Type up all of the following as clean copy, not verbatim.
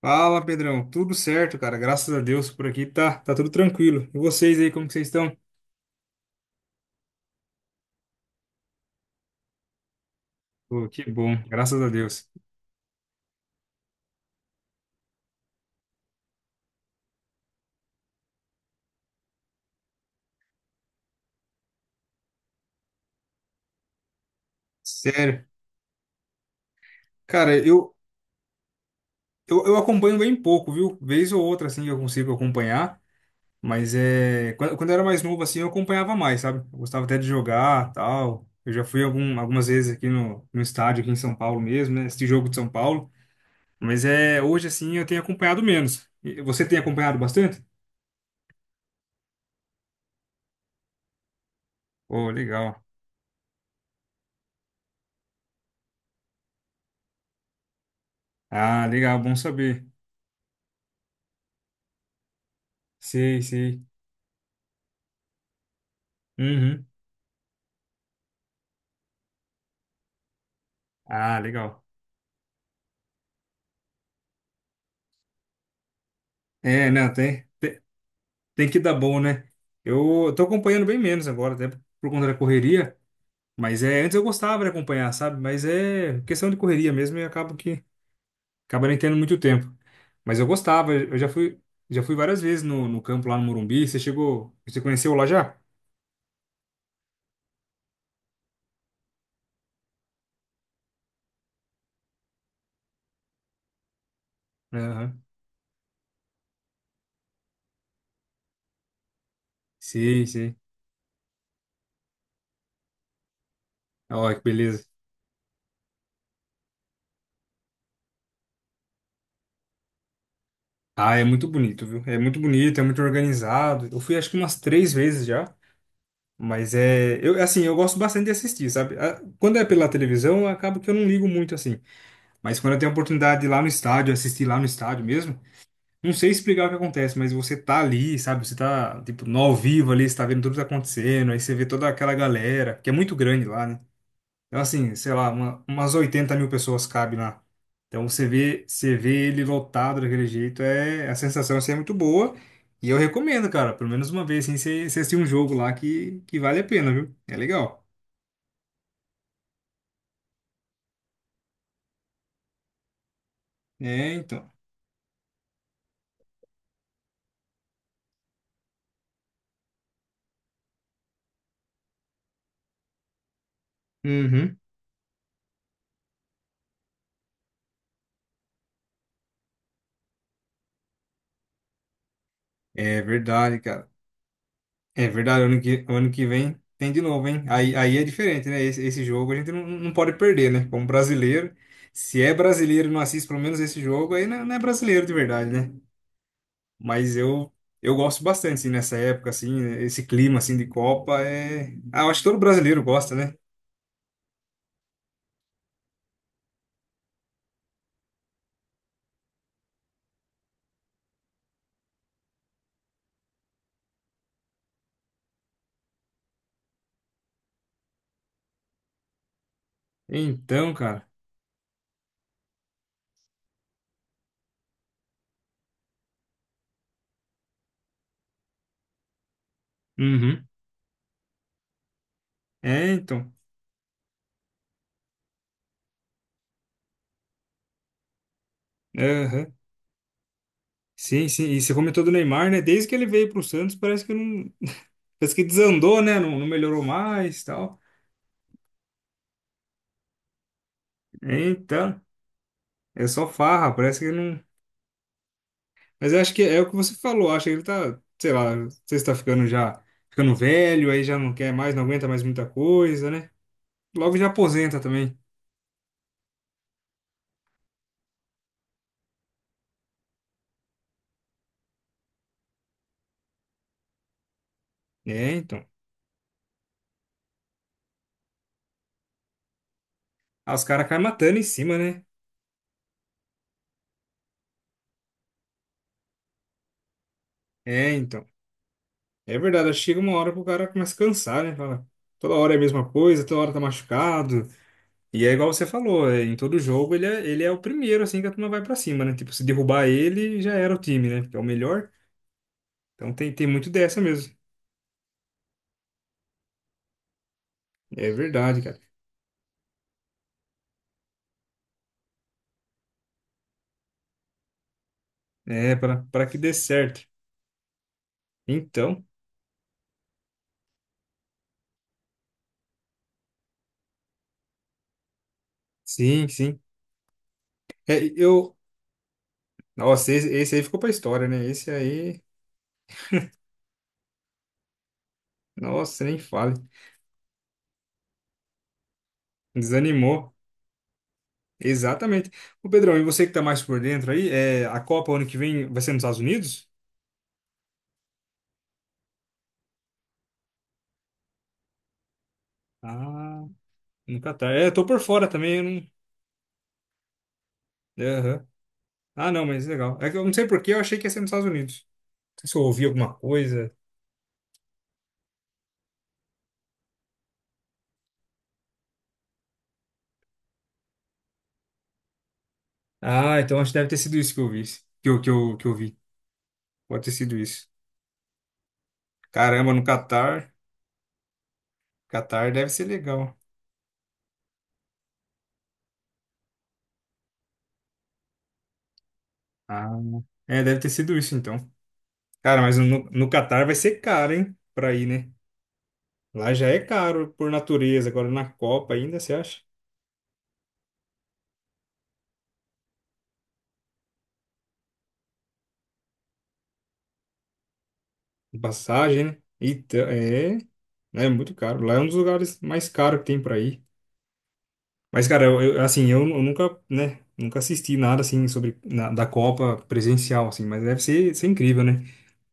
Fala, Pedrão. Tudo certo, cara. Graças a Deus por aqui tá, tá tudo tranquilo. E vocês aí, como que vocês estão? Pô, que bom. Graças a Deus. Sério. Cara, eu acompanho bem pouco, viu? Vez ou outra, assim, eu consigo acompanhar. Mas é... Quando eu era mais novo, assim, eu acompanhava mais, sabe? Eu gostava até de jogar, tal. Eu já fui algumas vezes aqui no estádio, aqui em São Paulo mesmo, né? Esse jogo de São Paulo. Mas é... Hoje, assim, eu tenho acompanhado menos. E você tem acompanhado bastante? Pô, legal. Ah, legal. Bom saber. Sei, sei. Uhum. Ah, legal. É, não, tem, tem que dar bom, né? Eu tô acompanhando bem menos agora, até por conta da correria, mas é, antes eu gostava de acompanhar, sabe? Mas é questão de correria mesmo e acabo que acaba nem tendo muito tempo. Mas eu gostava, eu já fui várias vezes no campo lá no Morumbi. Você chegou, você conheceu lá já? Aham. Sim, sim. Olha que beleza. Ah, é muito bonito, viu? É muito bonito, é muito organizado. Eu fui acho que umas 3 vezes já. Mas é, eu assim, eu gosto bastante de assistir, sabe? Ah, quando é pela televisão, acaba que eu não ligo muito assim. Mas quando eu tenho a oportunidade de ir lá no estádio, assistir lá no estádio mesmo, não sei explicar o que acontece, mas você tá ali, sabe? Você tá tipo no ao vivo ali, você tá vendo tudo que tá acontecendo, aí você vê toda aquela galera, que é muito grande lá, né? Então, assim, sei lá, umas 80 mil pessoas cabe lá. Então, você vê ele lotado daquele jeito, é, a sensação assim, é muito boa. E eu recomendo, cara, pelo menos uma vez, assim, você assistir um jogo lá que vale a pena, viu? É legal. É, então. Uhum. É verdade, cara. É verdade, ano que vem tem de novo, hein? Aí é diferente, né? Esse jogo a gente não pode perder, né? Como brasileiro. Se é brasileiro e não assiste pelo menos esse jogo, aí não, não é brasileiro de verdade, né? Mas eu gosto bastante assim, nessa época assim, esse clima assim de Copa é, ah, eu acho que todo brasileiro gosta, né? Então, cara. Uhum. É, então. Aham. Sim, sim. E você comentou do Neymar, né? Desde que ele veio pro Santos, parece que não, parece que desandou, né? Não melhorou mais, tal. Então, é só farra, parece que não. Mas eu acho que é o que você falou, acho que ele tá, sei lá, não sei se tá ficando já ficando velho, aí já não quer mais, não aguenta mais muita coisa, né? Logo já aposenta também. É, então. Ah, os caras caem matando em cima, né? É, então. É verdade, acho que chega uma hora que o cara começa a cansar, né? Fala, toda hora é a mesma coisa, toda hora tá machucado. E é igual você falou, é, em todo jogo ele é o primeiro, assim, que a turma vai pra cima, né? Tipo, se derrubar ele, já era o time, né? Porque é o melhor. Então tem, tem muito dessa mesmo. É verdade, cara. É, pra que dê certo. Então, sim, sim. É, eu. Nossa, esse aí ficou pra história, né? Esse aí. Nossa, nem fale. Desanimou. Exatamente. Ô Pedrão, e você que tá mais por dentro aí, é, a Copa ano que vem vai ser nos Estados Unidos? Ah, no Catar. É, eu tô por fora também, eu não... é, aham. Ah, não, mas legal. É que eu não sei por que eu achei que ia ser nos Estados Unidos. Não sei se eu ouvi alguma coisa. Ah, então acho que deve ter sido isso que eu vi. Que eu vi. Pode ter sido isso. Caramba, no Catar. Catar deve ser legal. Ah, é, deve ter sido isso então. Cara, mas no Catar vai ser caro, hein? Pra ir, né? Lá já é caro por natureza. Agora na Copa ainda, você acha? Passagem, né? Então, é né, muito caro. Lá é um dos lugares mais caros que tem pra ir. Mas, cara, assim, eu nunca, né, nunca assisti nada, assim, sobre, da Copa presencial, assim, mas deve ser incrível, né?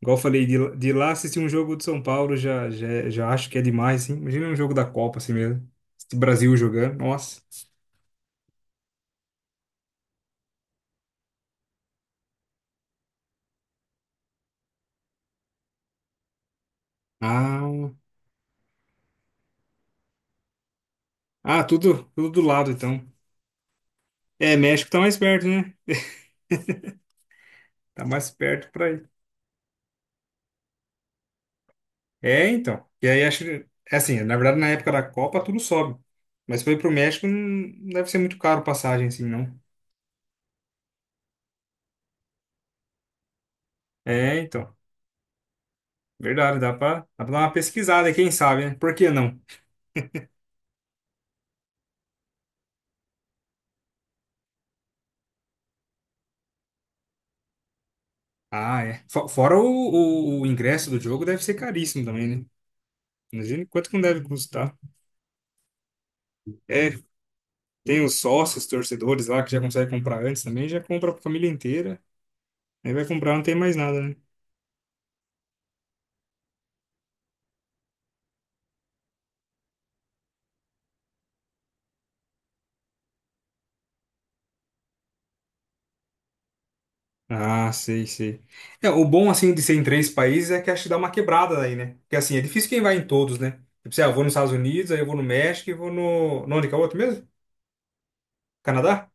Igual eu falei, de lá assistir um jogo de São Paulo, já acho que é demais, assim. Imagina um jogo da Copa, assim mesmo. Esse Brasil jogando, nossa. Ah, tudo, tudo do lado, então. É, México tá mais perto, né? Tá mais perto pra ir. É, então. E aí acho que, é assim, na verdade na época da Copa tudo sobe. Mas foi pro México não deve ser muito caro passagem assim, não. É, então. Verdade, dá pra dar uma pesquisada, quem sabe, né? Por que não? Ah, é. Fora o ingresso do jogo deve ser caríssimo também, né? Imagina quanto que não deve custar. É, tem os sócios, torcedores lá que já conseguem comprar antes também, já compra pra família inteira. Aí vai comprar, não tem mais nada, né? Ah, sei, sei. É, o bom, assim, de ser em 3 países é que acho que dá uma quebrada aí, né? Porque, assim, é difícil quem vai em todos, né? Tipo, sei lá, eu vou nos Estados Unidos, aí eu vou no México e vou no... no onde que é o outro mesmo? Canadá?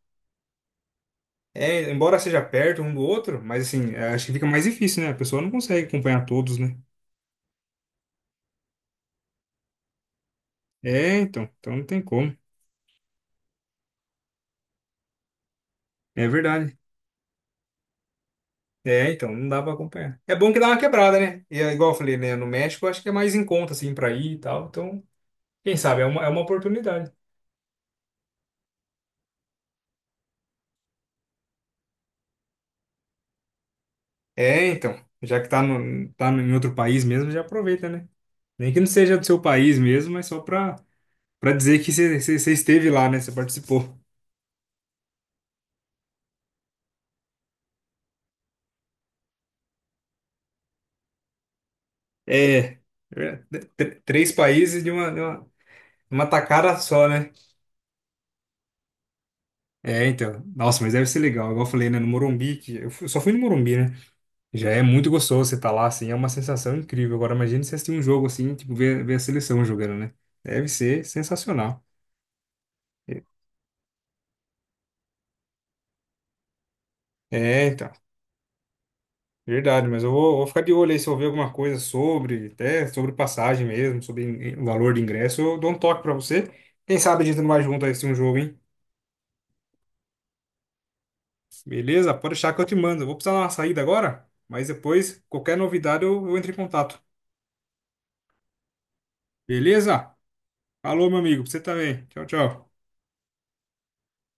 É, embora seja perto um do outro, mas, assim, é, acho que fica mais difícil, né? A pessoa não consegue acompanhar todos, né? É, então. Então não tem como. É verdade. É, então, não dá pra acompanhar. É bom que dá uma quebrada, né? E, é igual eu falei, né? No México, eu acho que é mais em conta, assim, pra ir e tal. Então, quem sabe, é uma oportunidade. É, então, já que tá, no, tá no- em outro país mesmo, já aproveita, né? Nem que não seja do seu país mesmo, mas só pra dizer que você esteve lá, né? Você participou. É, é, 3 países uma tacada só, né? É, então. Nossa, mas deve ser legal. Igual eu falei, né? No Morumbi, só fui no Morumbi, né? Já é muito gostoso você tá lá, assim, é uma sensação incrível. Agora, imagina você assistir um jogo assim, tipo, ver a seleção jogando, né? Deve ser sensacional. Então. Verdade, mas eu vou ficar de olho aí se eu ver alguma coisa sobre, até sobre passagem mesmo, sobre o valor de ingresso, eu dou um toque pra você. Quem sabe a gente não vai junto a esse um jogo, hein? Beleza? Pode deixar que eu te mando. Eu vou precisar dar uma saída agora, mas depois, qualquer novidade, eu entro em contato. Beleza? Falou, meu amigo. Pra você também. Tchau, tchau.